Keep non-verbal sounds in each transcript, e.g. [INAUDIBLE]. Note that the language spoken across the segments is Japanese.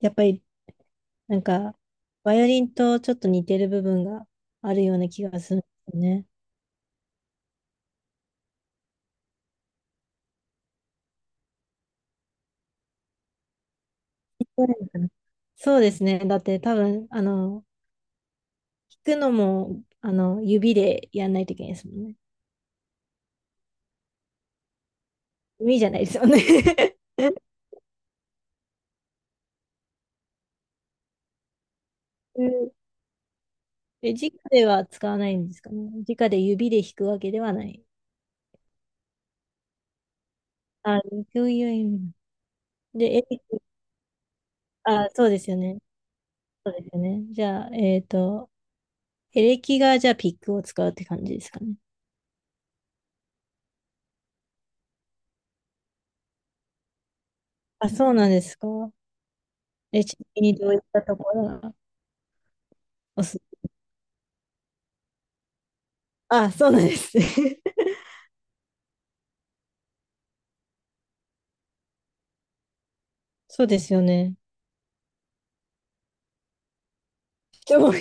やっぱり、なんか、バイオリンとちょっと似てる部分があるような気がするんですよね。そうなのかな。そうですね。だって多分、弾くのも、指でやんないといけないですもんね。指じゃないですよね。[LAUGHS] うん。直では使わないんですかね。直で指で弾くわけではない。あ、そういう意味。で、エレキ、あ、そうですよね。そうですよね。じゃあ、エレキがじゃあピックを使うって感じですかね。あ、そうなんですか。え、ちなみにどういったところがおす、あ、そうなんですね。[LAUGHS] そうですよね。人も、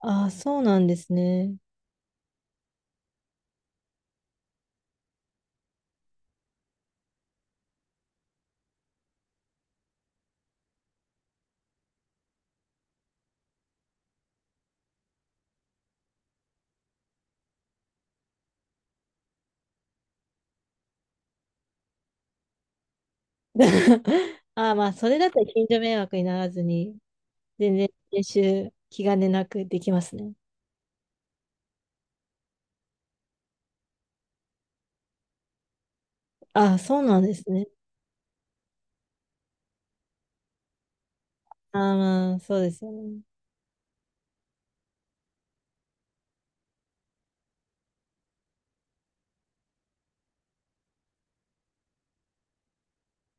ああ、そうなんですね。[LAUGHS] ああ、まあ、それだったら近所迷惑にならずに、全然練習、気兼ねなくできますね。ああ、そうなんですね。ああ、まあ、そうですよね。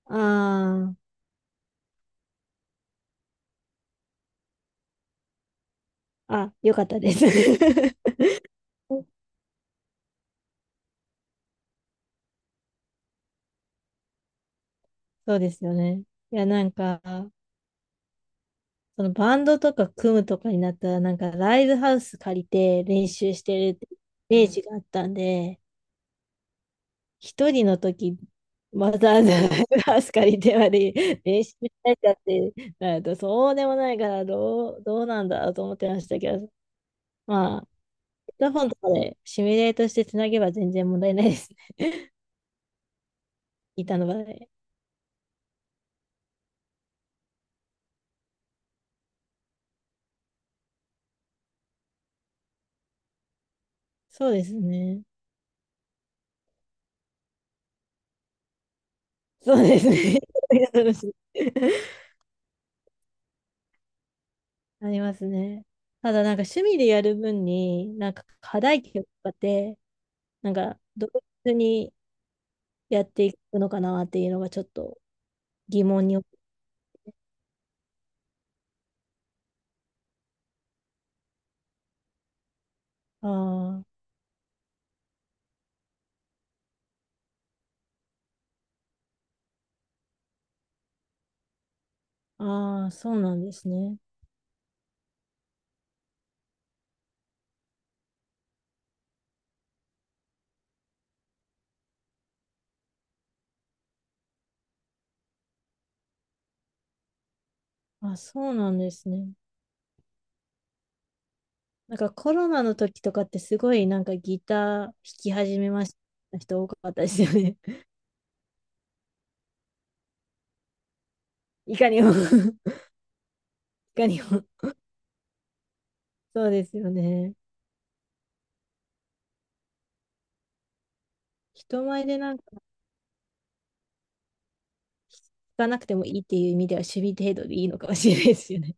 ああ、あ、よかったです。[LAUGHS] そうですよね。いや、なんか、そのバンドとか組むとかになったら、なんかライブハウス借りて練習してるってイメージがあったんで、一人の時、わざわざライブハウス借りてまで練習したいかってなると、そうでもないから、どうなんだろうと思ってましたけど、まあ、ヘッドホンとかでシミュレートしてつなげば全然問題ないですね。板の場で。そうですね。そうですね。[LAUGHS] ありがとうございますね。ありますね。ただなんか趣味でやる分に、なんか課題曲とかって、なんかどういうふうにやっていくのかなっていうのがちょっと疑問に思う。ああ、ああ、そうなんですね。あ、そうなんですね。なんかコロナの時とかってすごいなんかギター弾き始めました人多かったですよね。[LAUGHS] いかにも。 [LAUGHS] いかにも。そうですよね。人前でなんか弾かなくてもいいっていう意味では趣味程度でいいのかもしれないですよね。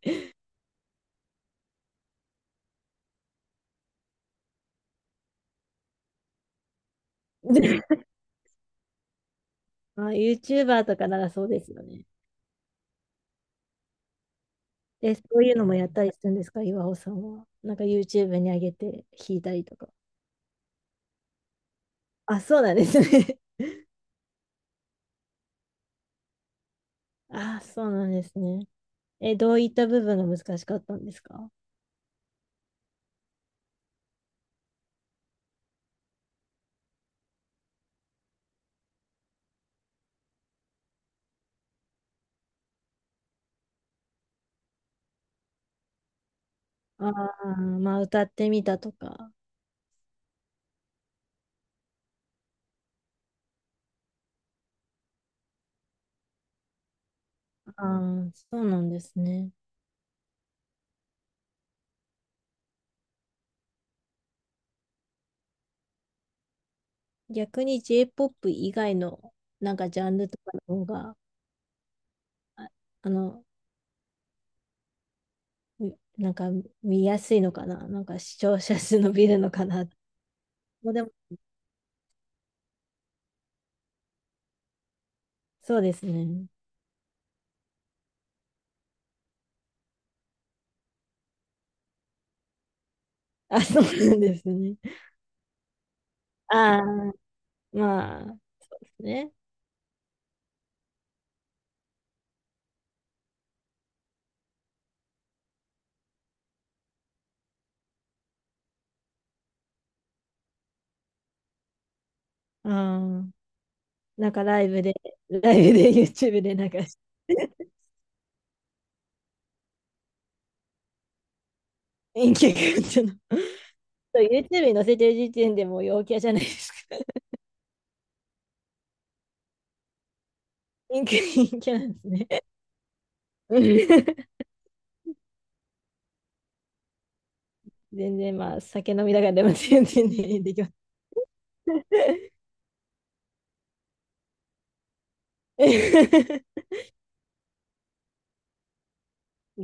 [LAUGHS] あ、YouTuber とかならそうですよね。え、そういうのもやったりするんですか、岩尾さんは。なんか YouTube に上げて弾いたりとか。あ、そうなんですね。[LAUGHS] あ、そうなんですね。え、どういった部分が難しかったんですか。ああー、まあ歌ってみたとか。ああ、そうなんですね。逆に J-POP 以外のなんかジャンルとかの方が、ああの、なんか見やすいのかな。なんか視聴者数伸びるのかな。もうでも、そうですね。[LAUGHS] あ、そうなんですね。ああ、まあ、ね。ああ、なんかライブで、YouTube でなんか、インキャっての。そう YouTube に載せてる時点でもう陽キャじゃないですか。インキャ、陰キャなんですね。うん。全然まあ、酒飲みながらでも全然ね、できます。[LAUGHS]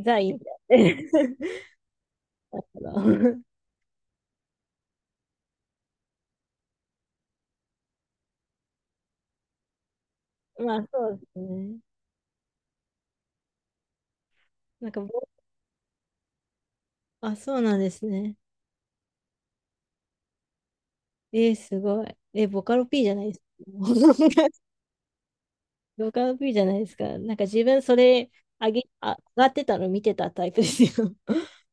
ザ・インキャ。[LAUGHS] まあ、そうですね。なんかボ、あ、そうなんですね。えー、すごい。え、ボカロ P じゃないですか。動画の V じゃないですか。なんか自分それあ、上がってたの見てたタイプですよ。[LAUGHS]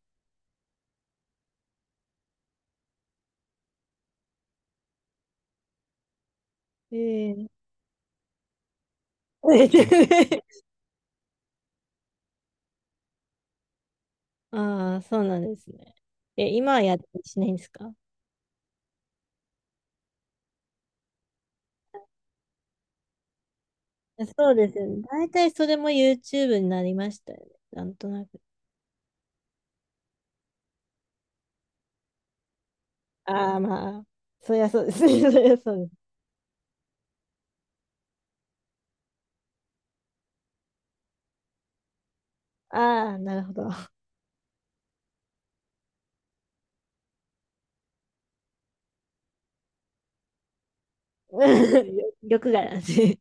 ええ。 [LAUGHS] ああ、そうなんですね。え、今はやってしないんですか。そうですね。大体それも YouTube になりましたよね。なんとなく。ああ、まあ、そりゃそうですね。[LAUGHS] そりゃそうです。ああ、なるほど。[LAUGHS] 欲がなんで。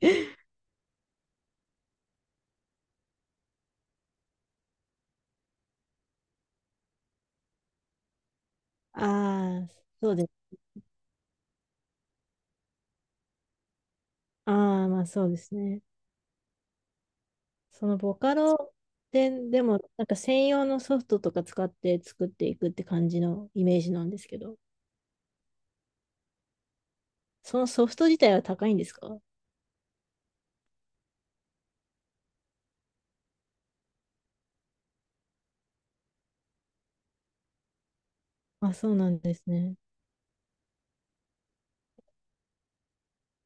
ああ、そうです。ああ、まあそうですね。そのボカロで、でも、なんか専用のソフトとか使って作っていくって感じのイメージなんですけど、そのソフト自体は高いんですか。あ、そうなんですね。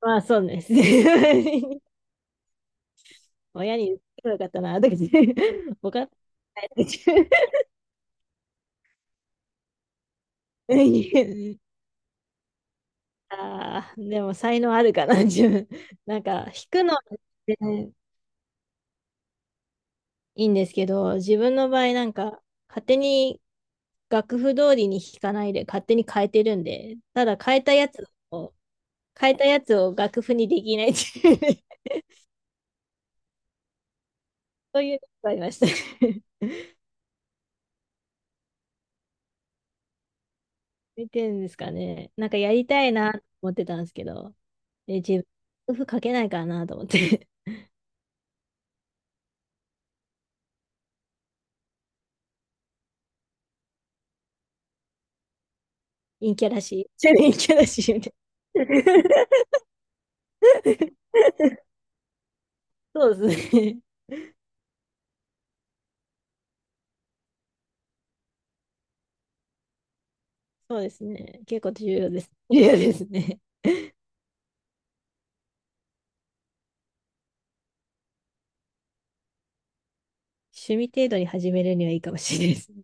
まあ、そうですね。[LAUGHS] 親に言ってよかったな、だけど、[LAUGHS] ボカロない。 [LAUGHS] ああでも才能あるかな、自分。なんか、弾くの、ね、いいんですけど、自分の場合なんか、勝手に楽譜通りに弾かないで勝手に変えてるんで、ただを、変えたやつを楽譜にできないっていうね、[LAUGHS] そういうのがありました。[LAUGHS] 見てるんですかね。なんかやりたいなと思ってたんですけど、で、自分、楽譜書けないからなと思って、[LAUGHS] 陰キャらしい。[LAUGHS] ちょっと陰キャらしいみたいな。[LAUGHS] そうですね。そうですね。結構重要です。重要ですね。趣味程度に始めるにはいいかもしれないですね。